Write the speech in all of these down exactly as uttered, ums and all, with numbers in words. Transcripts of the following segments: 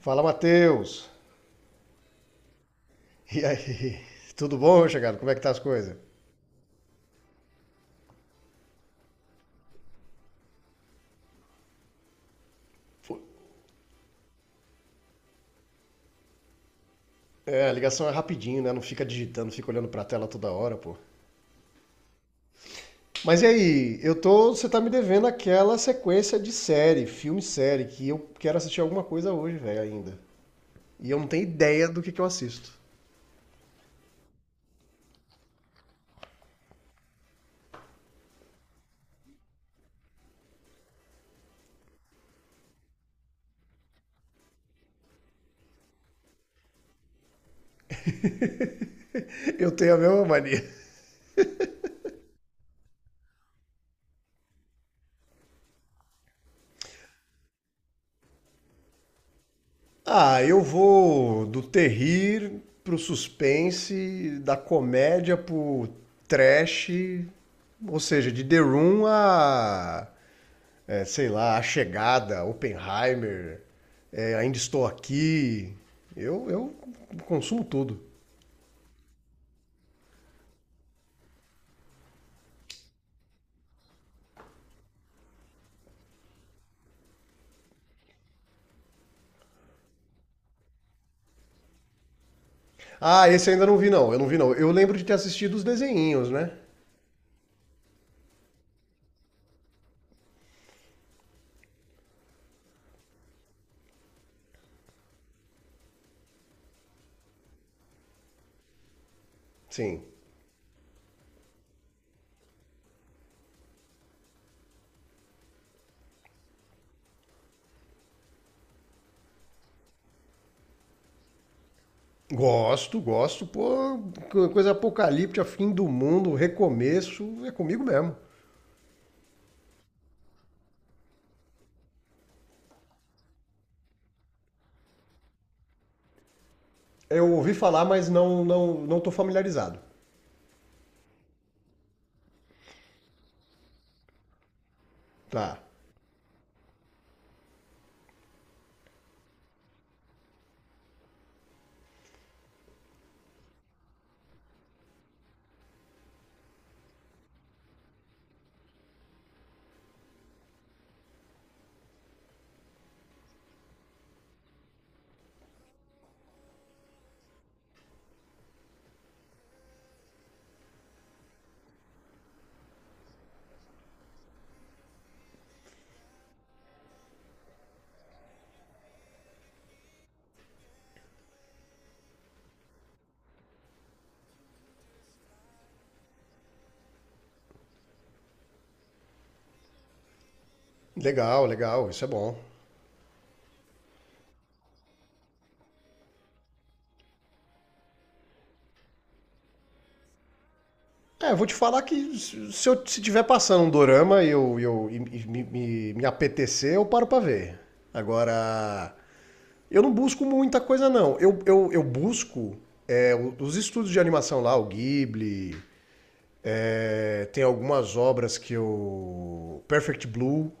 Fala, Matheus! E aí? Tudo bom, meu chegado? Como é que tá as coisas? Pô, é, a ligação é rapidinho, né? Não fica digitando, fica olhando pra tela toda hora, pô. Mas e aí? Eu tô, você tá me devendo aquela sequência de série, filme e série, que eu quero assistir alguma coisa hoje, velho, ainda. E eu não tenho ideia do que que eu assisto. Eu tenho a mesma mania. Ah, eu vou do terrir pro suspense, da comédia pro trash, ou seja, de The Room a é, sei lá, A Chegada, Oppenheimer, é, Ainda Estou Aqui. Eu, eu consumo tudo. Ah, esse eu ainda não vi, não. Eu não vi, não. Eu lembro de ter assistido os desenhinhos, né? Sim. Gosto, gosto. Pô, co- coisa apocalíptica, fim do mundo, recomeço, é comigo mesmo. Eu ouvi falar, mas não, não, não tô familiarizado. Tá. Legal, legal. Isso é bom. É, eu vou te falar que se eu se tiver passando um dorama e eu, e eu e me, me, me apetecer, eu paro pra ver. Agora, eu não busco muita coisa, não. Eu, eu, eu busco é, o- os estudos de animação lá, o Ghibli, é, tem algumas obras que eu. Perfect Blue,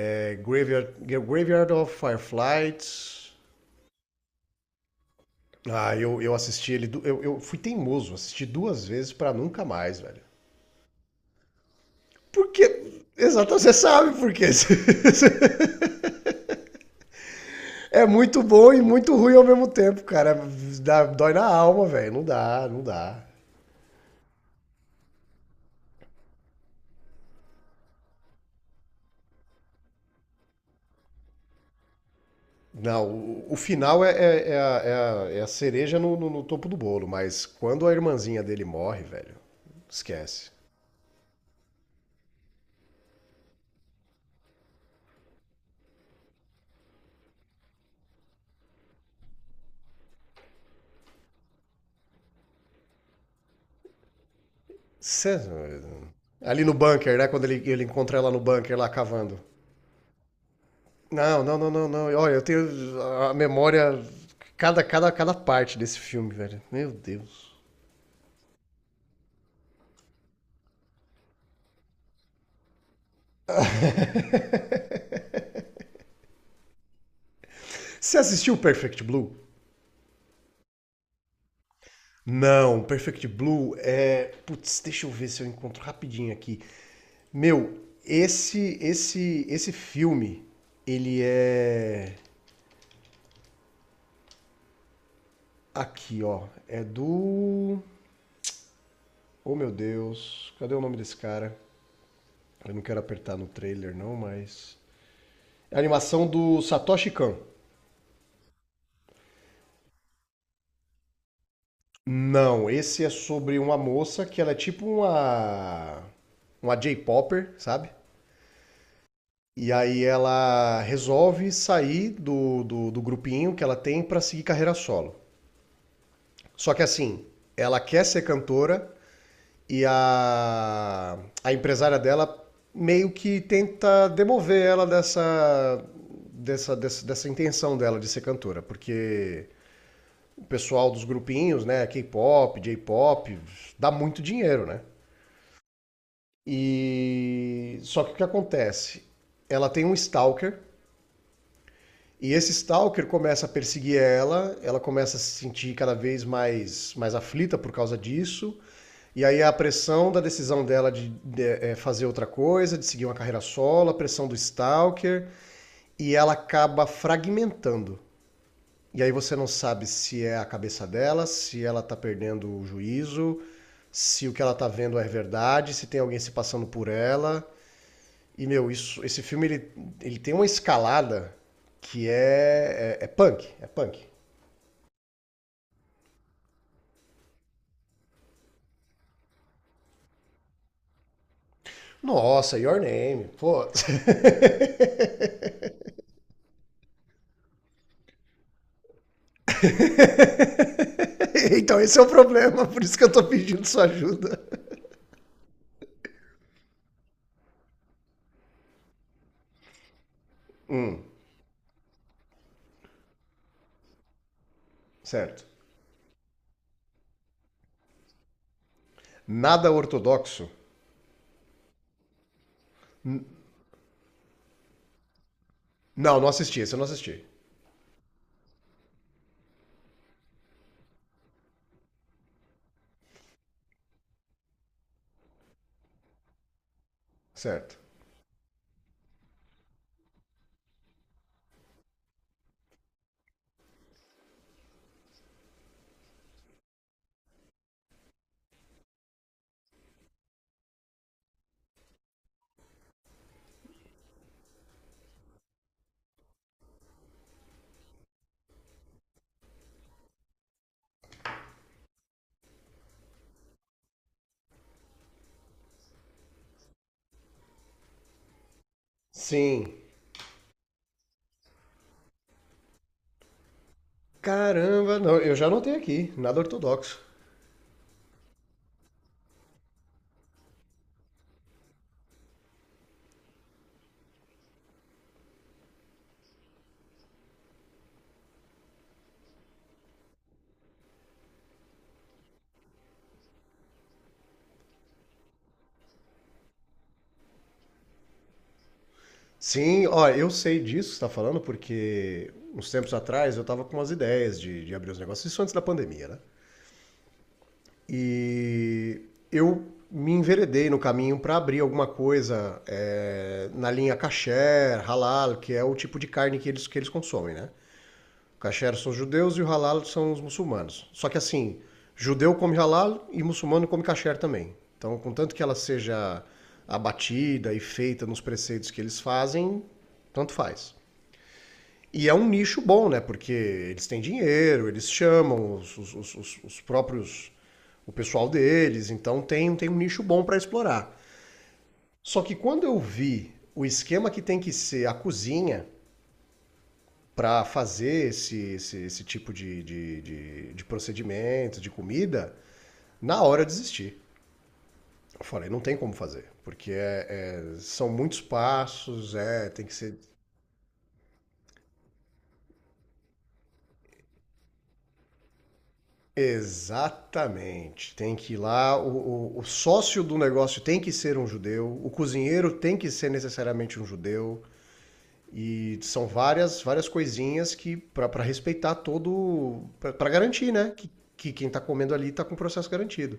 é, Graveyard, Graveyard of Fireflies. Ah, eu, eu assisti ele. du- Eu, eu fui teimoso, assisti duas vezes pra nunca mais, velho. Porque. Exato, você sabe por quê. É muito bom e muito ruim ao mesmo tempo, cara. Dá, dói na alma, velho. Não dá, não dá. Não, o, o final é, é- é a, é a- é a cereja no, no- no topo do bolo, mas quando a irmãzinha dele morre, velho, esquece. Cê- ali no bunker, né? Quando ele, ele encontra ela no bunker lá cavando. Não, não, não, não, não. Olha, eu tenho a memória. Cada, cada, cada parte desse filme, velho. Meu Deus. Você assistiu Perfect Blue? Não, Perfect Blue é. Putz, deixa eu ver se eu encontro rapidinho aqui. Meu, esse esse esse filme, ele é aqui, ó, é do Oh, meu Deus, cadê o nome desse cara? Eu não quero apertar no trailer não, mas é a animação do Satoshi Kon. Não, esse é sobre uma moça que ela é tipo uma uma J-popper, sabe? E aí ela resolve sair do, do, do grupinho que ela tem pra seguir carreira solo. Só que assim, ela quer ser cantora e a, a empresária dela meio que tenta demover ela dessa, dessa, dessa, dessa intenção dela de ser cantora, porque o pessoal dos grupinhos, né, K-pop, J-pop, dá muito dinheiro, né? E só que o que acontece? Ela tem um stalker. E esse stalker começa a perseguir ela, ela começa a se sentir cada vez mais, mais aflita por causa disso. E aí a pressão da decisão dela de, de, eh, fazer outra coisa, de seguir uma carreira solo, a pressão do stalker, e ela acaba fragmentando. E aí você não sabe se é a cabeça dela, se ela tá perdendo o juízo, se o que ela tá vendo é verdade, se tem alguém se passando por ela. E, meu, isso, esse filme ele, ele tem uma escalada que é, é, é punk. É punk. Nossa, your name. Pô. Então esse é o problema, por isso que eu tô pedindo sua ajuda. Certo. Nada ortodoxo. Não, não assisti, esse eu não assisti. Certo. Sim. Caramba, não, eu já anotei aqui. Nada ortodoxo. Sim, ó, eu sei disso que você tá falando, porque uns tempos atrás eu tava com umas ideias de, de abrir os negócios. Isso antes da pandemia, né? E eu me enveredei no caminho para abrir alguma coisa é, na linha kasher, halal, que é o tipo de carne que eles, que eles consomem, né? O kasher são os judeus e o halal são os muçulmanos. Só que assim, judeu come halal e muçulmano come kasher também. Então, contanto que ela seja abatida e feita nos preceitos que eles fazem, tanto faz. E é um nicho bom, né? Porque eles têm dinheiro, eles chamam os, os- os- os- próprios. O pessoal deles, então tem, tem um nicho bom para explorar. Só que quando eu vi o esquema que tem que ser a cozinha para fazer esse, esse, esse tipo de, de, de, de procedimento, de comida, na hora eu desisti. Eu falei, não tem como fazer, porque é- é- são muitos passos, é, tem que ser exatamente. Tem que ir lá, o, o- o sócio do negócio tem que ser um judeu, o cozinheiro tem que ser necessariamente um judeu. E são várias várias coisinhas que para respeitar todo para garantir, né, que, que quem tá comendo ali tá com o processo garantido.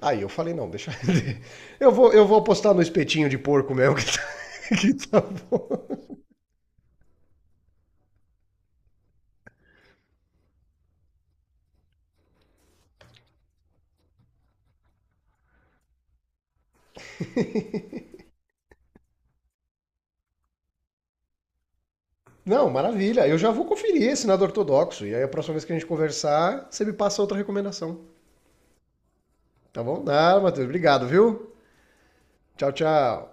Aí eu falei, não, deixa eu vou eu vou apostar no espetinho de porco mesmo que tá, que tá bom. Não, maravilha. Eu já vou conferir esse nada ortodoxo e aí a próxima vez que a gente conversar, você me passa outra recomendação. Tá bom? Nada, Matheus. Obrigado, viu? Tchau, tchau.